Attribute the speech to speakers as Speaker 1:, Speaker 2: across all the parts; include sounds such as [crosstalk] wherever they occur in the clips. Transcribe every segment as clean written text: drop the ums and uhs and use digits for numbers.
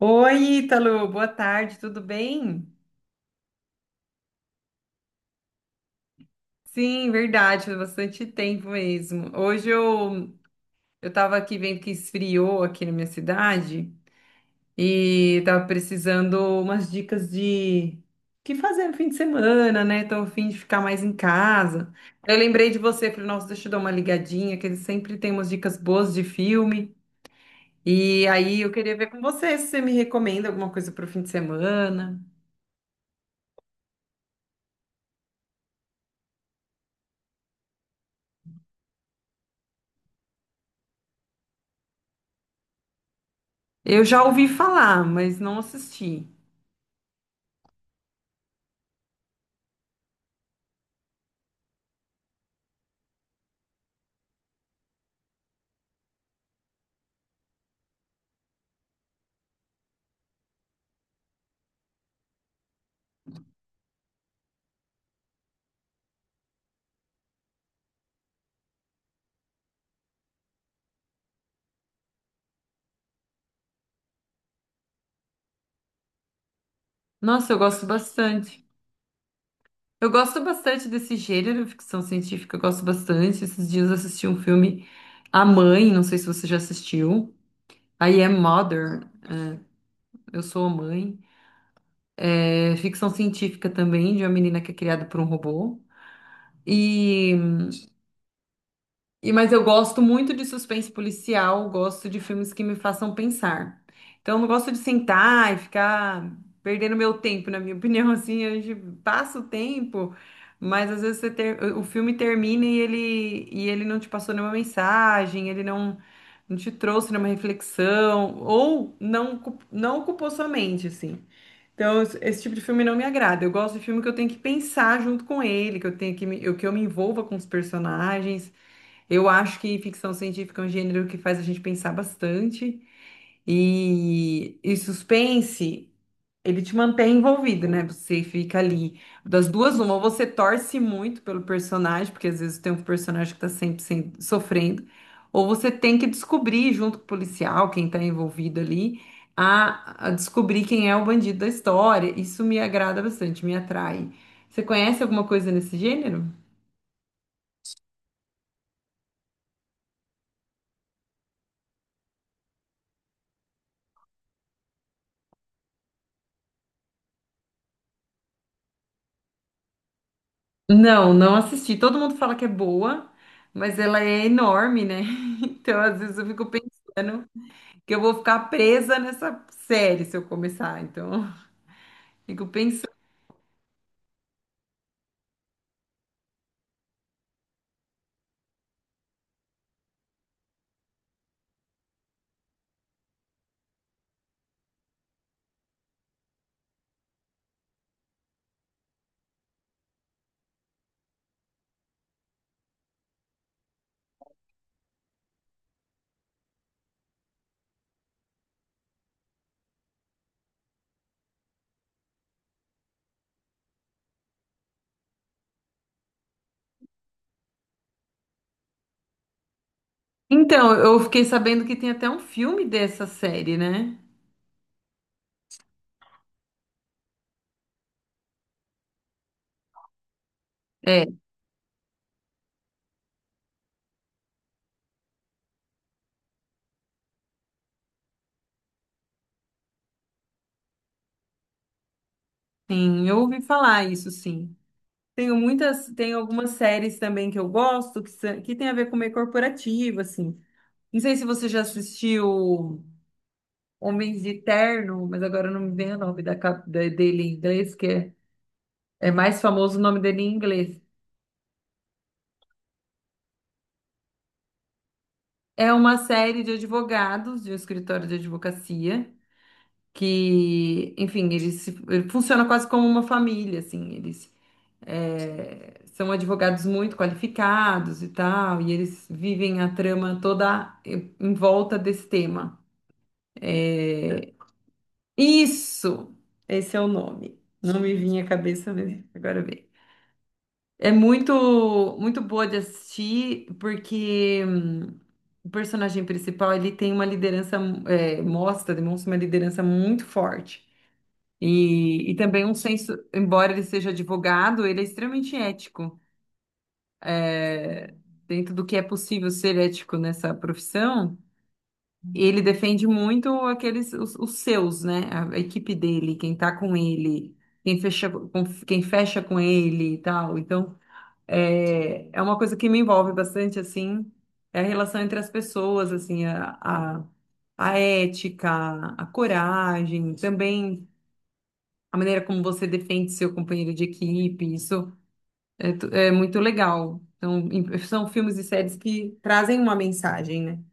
Speaker 1: Oi, Ítalo, boa tarde, tudo bem? Sim, verdade, faz bastante tempo mesmo. Hoje eu tava aqui vendo que esfriou aqui na minha cidade e tava precisando umas dicas de o que fazer no fim de semana, né? Tô a fim de ficar mais em casa. Eu lembrei de você, falei, nossa, deixa eu dar uma ligadinha, que ele sempre tem umas dicas boas de filme. E aí eu queria ver com você se você me recomenda alguma coisa pro fim de semana. Eu já ouvi falar, mas não assisti. Nossa, eu gosto bastante. Eu gosto bastante desse gênero, ficção científica, eu gosto bastante. Esses dias eu assisti um filme A Mãe, não sei se você já assistiu. I Am Mother, eu sou a mãe. É ficção científica também, de uma menina que é criada por um robô. E mas eu gosto muito de suspense policial, gosto de filmes que me façam pensar. Então, eu não gosto de sentar e ficar perdendo meu tempo, na minha opinião, [laughs] assim, a gente passa o tempo, mas às vezes o filme termina e ele não te passou nenhuma mensagem, ele não, não te trouxe nenhuma reflexão, ou não, ocu- não ocupou sua mente, assim. Então, esse tipo de filme não me agrada. Eu gosto de filme que eu tenho que pensar junto com ele, que eu tenho que me, eu- que eu me envolva com os personagens. Eu acho que ficção científica é um gênero que faz a gente pensar bastante e suspense, ele te mantém envolvido, né? Você fica ali das duas, uma, ou você torce muito pelo personagem, porque às vezes tem um personagem que tá sofrendo, ou você tem que descobrir junto com o policial, quem tá envolvido ali, a descobrir quem é o bandido da história. Isso me agrada bastante, me atrai. Você conhece alguma coisa nesse gênero? Não, não assisti. Todo mundo fala que é boa, mas ela é enorme, né? [laughs] Então, às vezes eu fico pensando que eu vou ficar presa nessa série se eu começar. Então, [laughs] fico pensando. Então, eu fiquei sabendo que tem até um filme dessa série, né? É, sim, eu ouvi falar isso, sim. Tenho muitas, tem algumas séries também que eu gosto que tem a ver com meio corporativo, assim. Não sei se você já assistiu Homens de Terno, mas agora não me vem o nome dele em inglês, que é. É mais famoso o nome dele em inglês. É uma série de advogados, de um escritório de advocacia, que, enfim, eles se- ele funciona quase como uma família, assim. Eles são advogados muito qualificados e tal, e eles vivem a trama toda em volta desse tema. É, isso! Esse é o nome. Não me vinha à cabeça mesmo. Agora vem. É muito, muito boa de assistir, porque o personagem principal, ele tem uma liderança, demonstra uma liderança muito forte. E também um senso, embora ele seja advogado, ele é extremamente ético. Dentro do que é possível ser ético nessa profissão, ele defende muito os seus, né? A equipe dele, quem tá com ele, quem fecha com, quem fecha com ele e tal. Então, é, é uma coisa que me envolve bastante, assim, é a relação entre as pessoas, assim, a ética, a coragem, também a maneira como você defende seu companheiro de equipe, isso é muito legal. Então, são filmes e séries que trazem uma mensagem, né?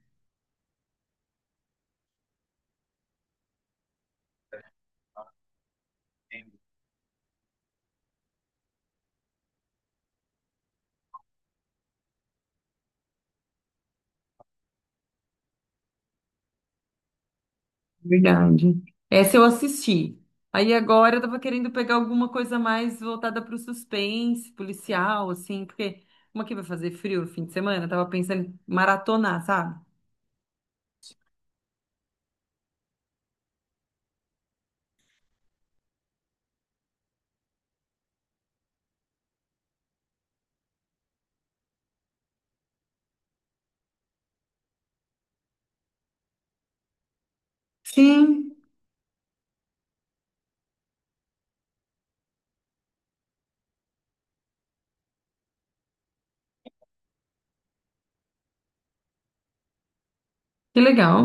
Speaker 1: Verdade. Essa eu assisti. Aí agora eu tava querendo pegar alguma coisa mais voltada para o suspense, policial, assim, porque como aqui vai fazer frio no fim de semana, eu tava pensando em maratonar, sabe? Sim. Que legal.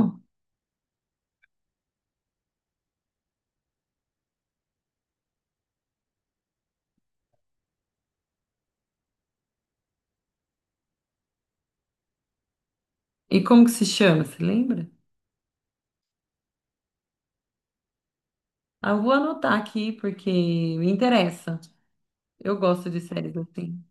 Speaker 1: E como que se chama, você lembra? Ah, eu vou anotar aqui porque me interessa. Eu gosto de séries assim.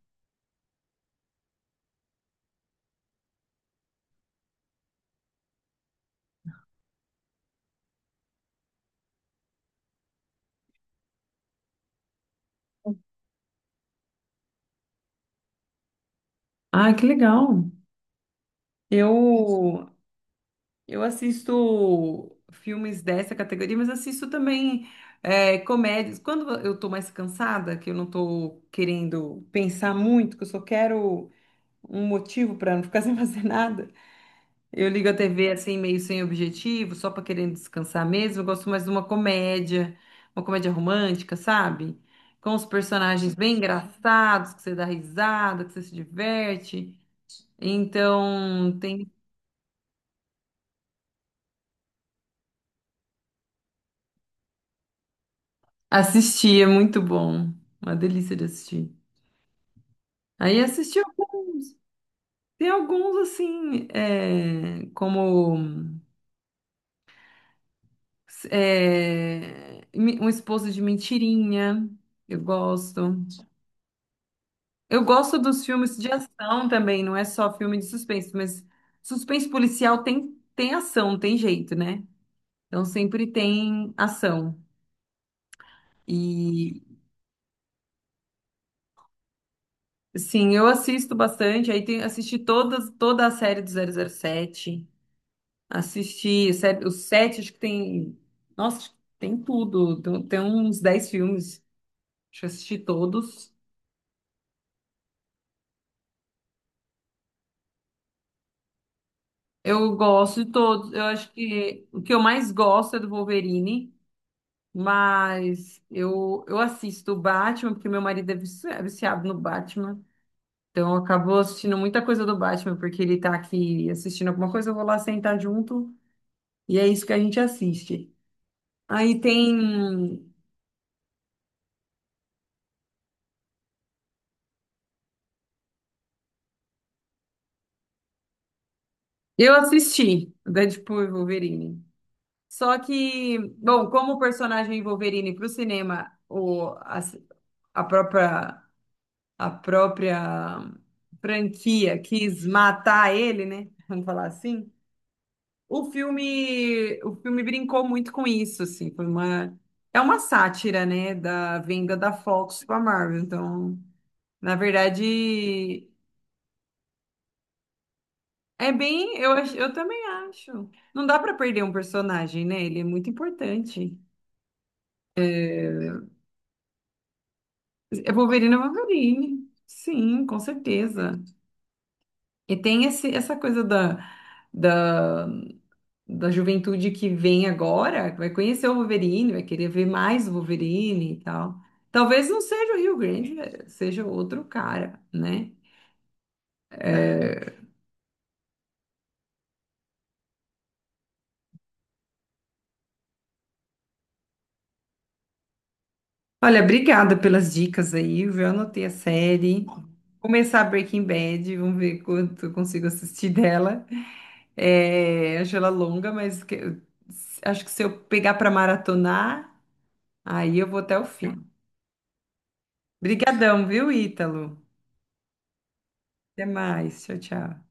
Speaker 1: Ah, que legal. Eu Eu assisto filmes dessa categoria, mas assisto também comédias. Quando eu tô mais cansada, que eu não tô querendo pensar muito, que eu só quero um motivo para não ficar [laughs] sem fazer nada, eu ligo a TV assim, meio sem objetivo, só para querendo descansar mesmo. Eu gosto mais de uma comédia romântica, sabe? Com os personagens bem engraçados, que você dá risada, que você se diverte. Então, tem. Assisti, é muito bom. Uma delícia de assistir. Aí assisti alguns. Tem alguns, assim, Um Esposo de Mentirinha. Eu gosto. Eu gosto dos filmes de ação também, não é só filme de suspense, mas suspense policial tem, tem ação, tem jeito, né? Então sempre tem ação. E, sim, eu assisto bastante. Aí tem, toda a série do zero zero sete. Os sete, acho que tem. Nossa, tem tudo. Tem uns dez filmes. Acho que eu assisti todos. Eu gosto de todos. Eu acho que o que eu mais gosto é do Wolverine, mas eu assisto o Batman, porque meu marido é viciado no Batman. Então eu acabo assistindo muita coisa do Batman, porque ele tá aqui assistindo alguma coisa, eu vou lá sentar junto, e é isso que a gente assiste. Aí tem. Eu assisti Deadpool e Wolverine. Só que, bom, como o personagem Wolverine para o cinema, o, a própria, a própria franquia quis matar ele, né? [laughs] Vamos falar assim. O filme brincou muito com isso, assim, é uma sátira, né, da venda da Fox para Marvel. Então, na verdade, eu também acho. Não dá para perder um personagem, né? Ele é muito importante. É Wolverine, é Wolverine. Sim, com certeza. E tem esse, essa coisa da, da juventude que vem agora, que vai conhecer o Wolverine, vai querer ver mais o Wolverine e tal. Talvez não seja o Rio Grande, é, seja outro cara, né? Olha, obrigada pelas dicas aí, viu? Eu anotei a série. Começar Breaking Bad, vamos ver quanto eu consigo assistir dela. É, acho ela longa, acho que se eu pegar para maratonar. Aí eu vou até o fim. Brigadão, viu, Ítalo? Até mais. Tchau, tchau.